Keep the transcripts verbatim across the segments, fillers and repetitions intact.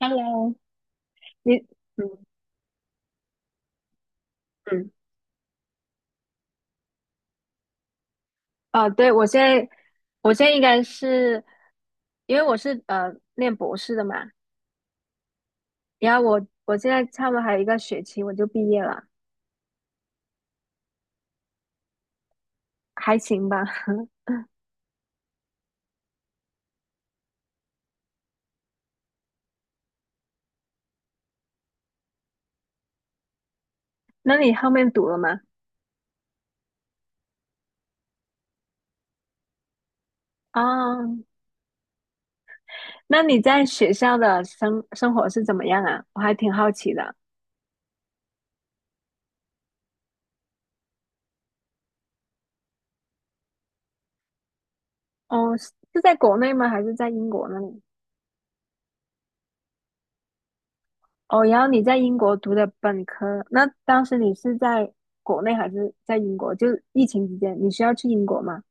Hello，你嗯嗯，啊，对，我现在我现在应该是因为我是呃念博士的嘛，然后我我现在差不多还有一个学期我就毕业了，还行吧。那你后面读了吗？哦，那你在学校的生生活是怎么样啊？我还挺好奇的。哦，是是在国内吗？还是在英国那里？哦，然后你在英国读的本科，那当时你是在国内还是在英国？就是疫情期间，你需要去英国吗？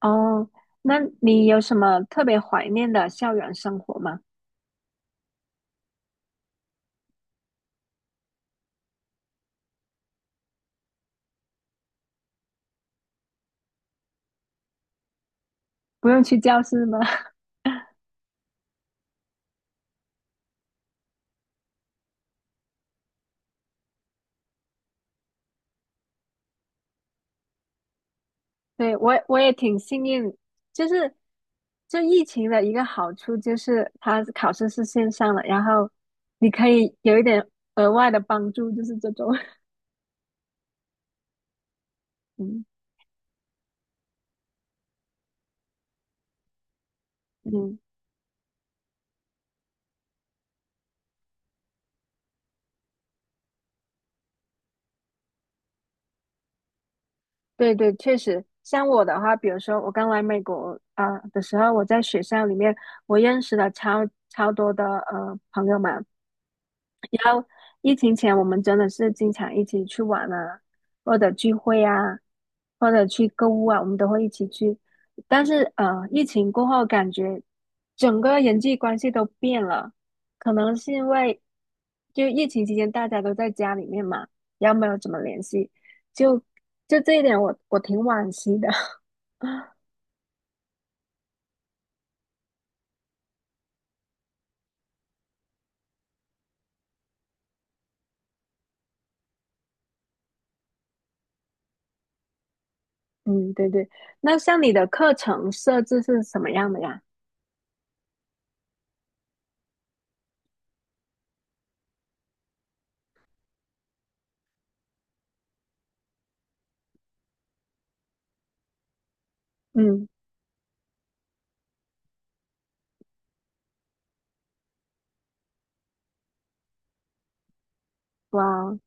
哦，那你有什么特别怀念的校园生活吗？不用去教室吗？对，我也我也挺幸运，就是这疫情的一个好处就是它考试是线上的，然后你可以有一点额外的帮助，就是这种。嗯嗯，对对，确实，像我的话，比如说我刚来美国啊、的时候，我在学校里面我认识了超超多的呃朋友们。疫情前我们真的是经常一起去玩啊，或者聚会啊，或者去购物啊，我们都会一起去。但是呃，疫情过后感觉整个人际关系都变了，可能是因为就疫情期间大家都在家里面嘛，然后没有怎么联系，就就这一点我我挺惋惜的。啊，嗯，对对。那像你的课程设置是什么样的呀？嗯，哇哦，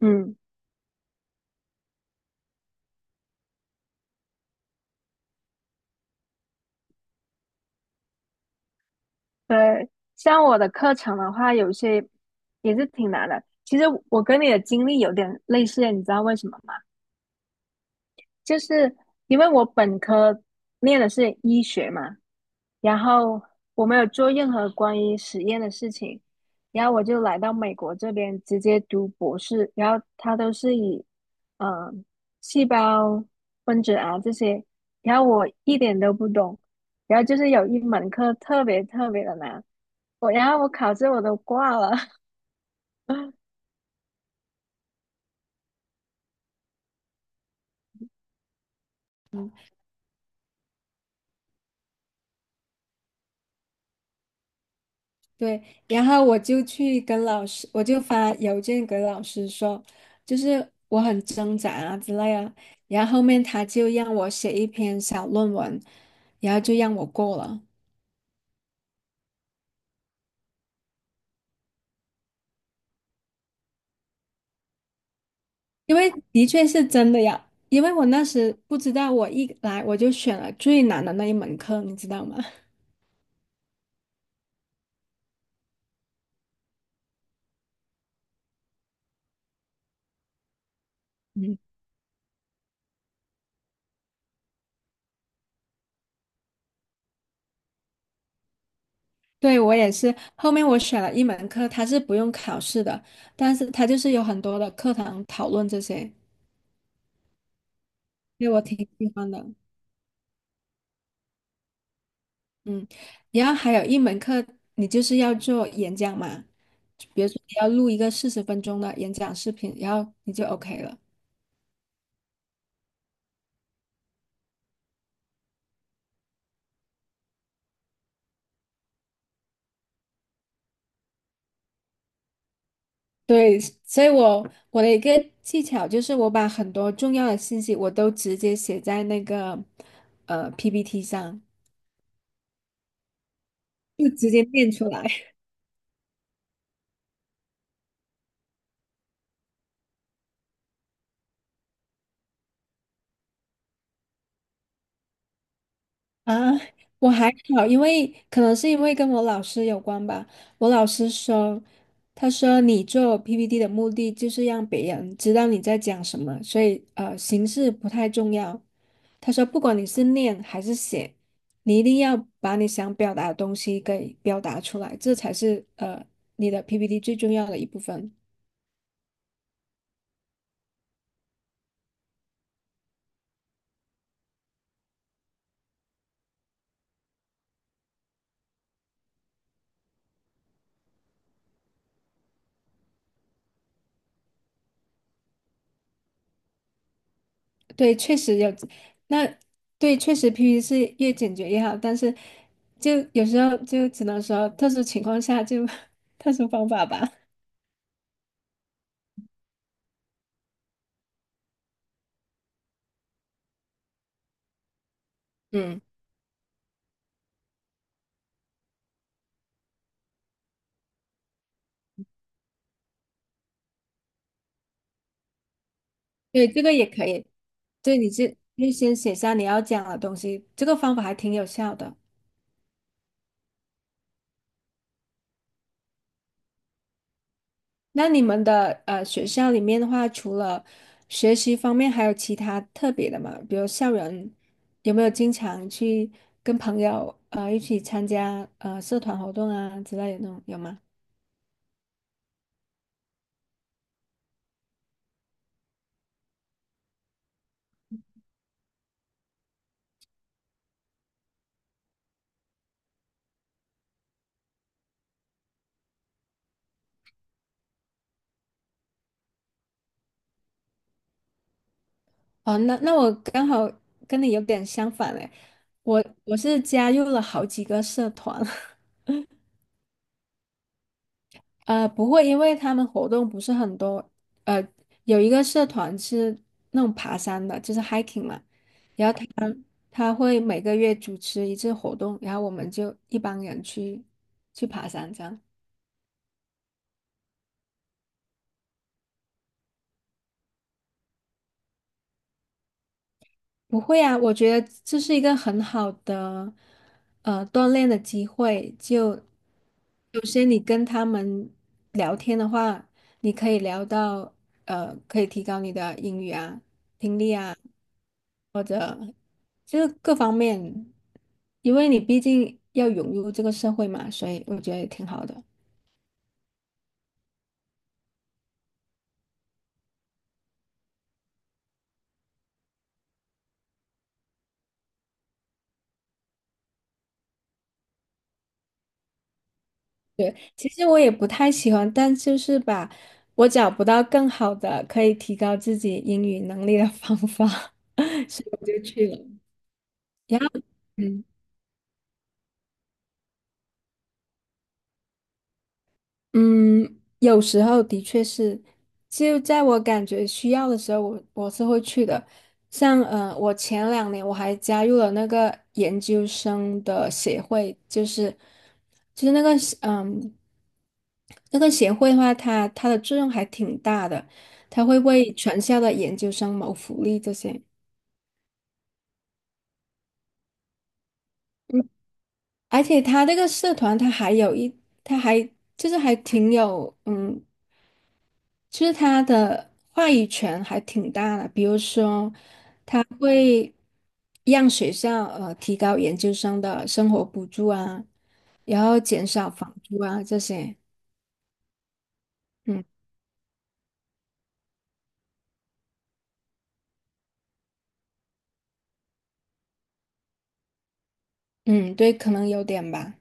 嗯，对，像我的课程的话，有些也是挺难的。其实我跟你的经历有点类似，你知道为什么吗？就是因为我本科念的是医学嘛，然后我没有做任何关于实验的事情，然后我就来到美国这边直接读博士，然后他都是以呃细胞分子啊这些，然后我一点都不懂，然后就是有一门课特别特别的难，我然后我考试我都挂了，对，然后我就去跟老师，我就发邮件给老师说，就是我很挣扎啊之类啊。然后后面他就让我写一篇小论文，然后就让我过了，因为的确是真的呀。因为我那时不知道，我一来我就选了最难的那一门课，你知道吗？嗯，对，我也是。后面我选了一门课，它是不用考试的，但是它就是有很多的课堂讨论这些，对我挺喜欢的。嗯，然后还有一门课，你就是要做演讲嘛，比如说你要录一个四十分钟的演讲视频，然后你就 OK 了。对，所以我我的一个技巧就是，我把很多重要的信息我都直接写在那个呃 P P T 上，就直接念出来。啊，我还好，因为可能是因为跟我老师有关吧。我老师说，他说你做 P P T 的目的就是让别人知道你在讲什么，所以呃，形式不太重要。他说，不管你是念还是写，你一定要把你想表达的东西给表达出来，这才是呃你的 P P T 最重要的一部分。对，确实有，那对，确实 P P T 是越简洁越好，但是就有时候就只能说特殊情况下就 特殊方法吧。嗯，对，这个也可以。对，你这就先写下你要讲的东西，这个方法还挺有效的。那你们的呃学校里面的话，除了学习方面，还有其他特别的吗？比如校园有没有经常去跟朋友呃一起参加呃社团活动啊之类的那种，有吗？哦，那那我刚好跟你有点相反嘞，我我是加入了好几个社团，呃，不会，因为他们活动不是很多，呃，有一个社团是那种爬山的，就是 hiking 嘛，然后他他会每个月主持一次活动，然后我们就一帮人去去爬山这样。不会啊，我觉得这是一个很好的呃锻炼的机会。就有些你跟他们聊天的话，你可以聊到呃，可以提高你的英语啊、听力啊，或者就是各方面，因为你毕竟要融入这个社会嘛，所以我觉得也挺好的。其实我也不太喜欢，但就是吧，我找不到更好的可以提高自己英语能力的方法，我就去了。然后，嗯嗯，有时候的确是，就在我感觉需要的时候，我我是会去的。像呃，我前两年我还加入了那个研究生的协会，就是就是那个嗯那个协会的话，它它的作用还挺大的，它会为全校的研究生谋福利这些。嗯而且它这个社团，它还有一，它还就是还挺有，嗯，其实他的话语权还挺大的，比如说，他会让学校呃提高研究生的生活补助啊，然后减少房租啊这些。嗯嗯，对，可能有点吧。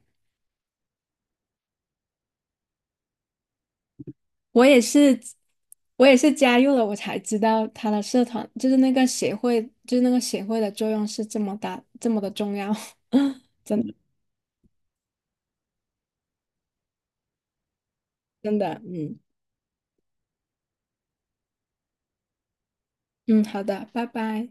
我也是，我也是加入了，我才知道他的社团就是那个协会，就是那个协会的作用是这么大，这么的重要。真的真的，嗯嗯，好的，拜拜。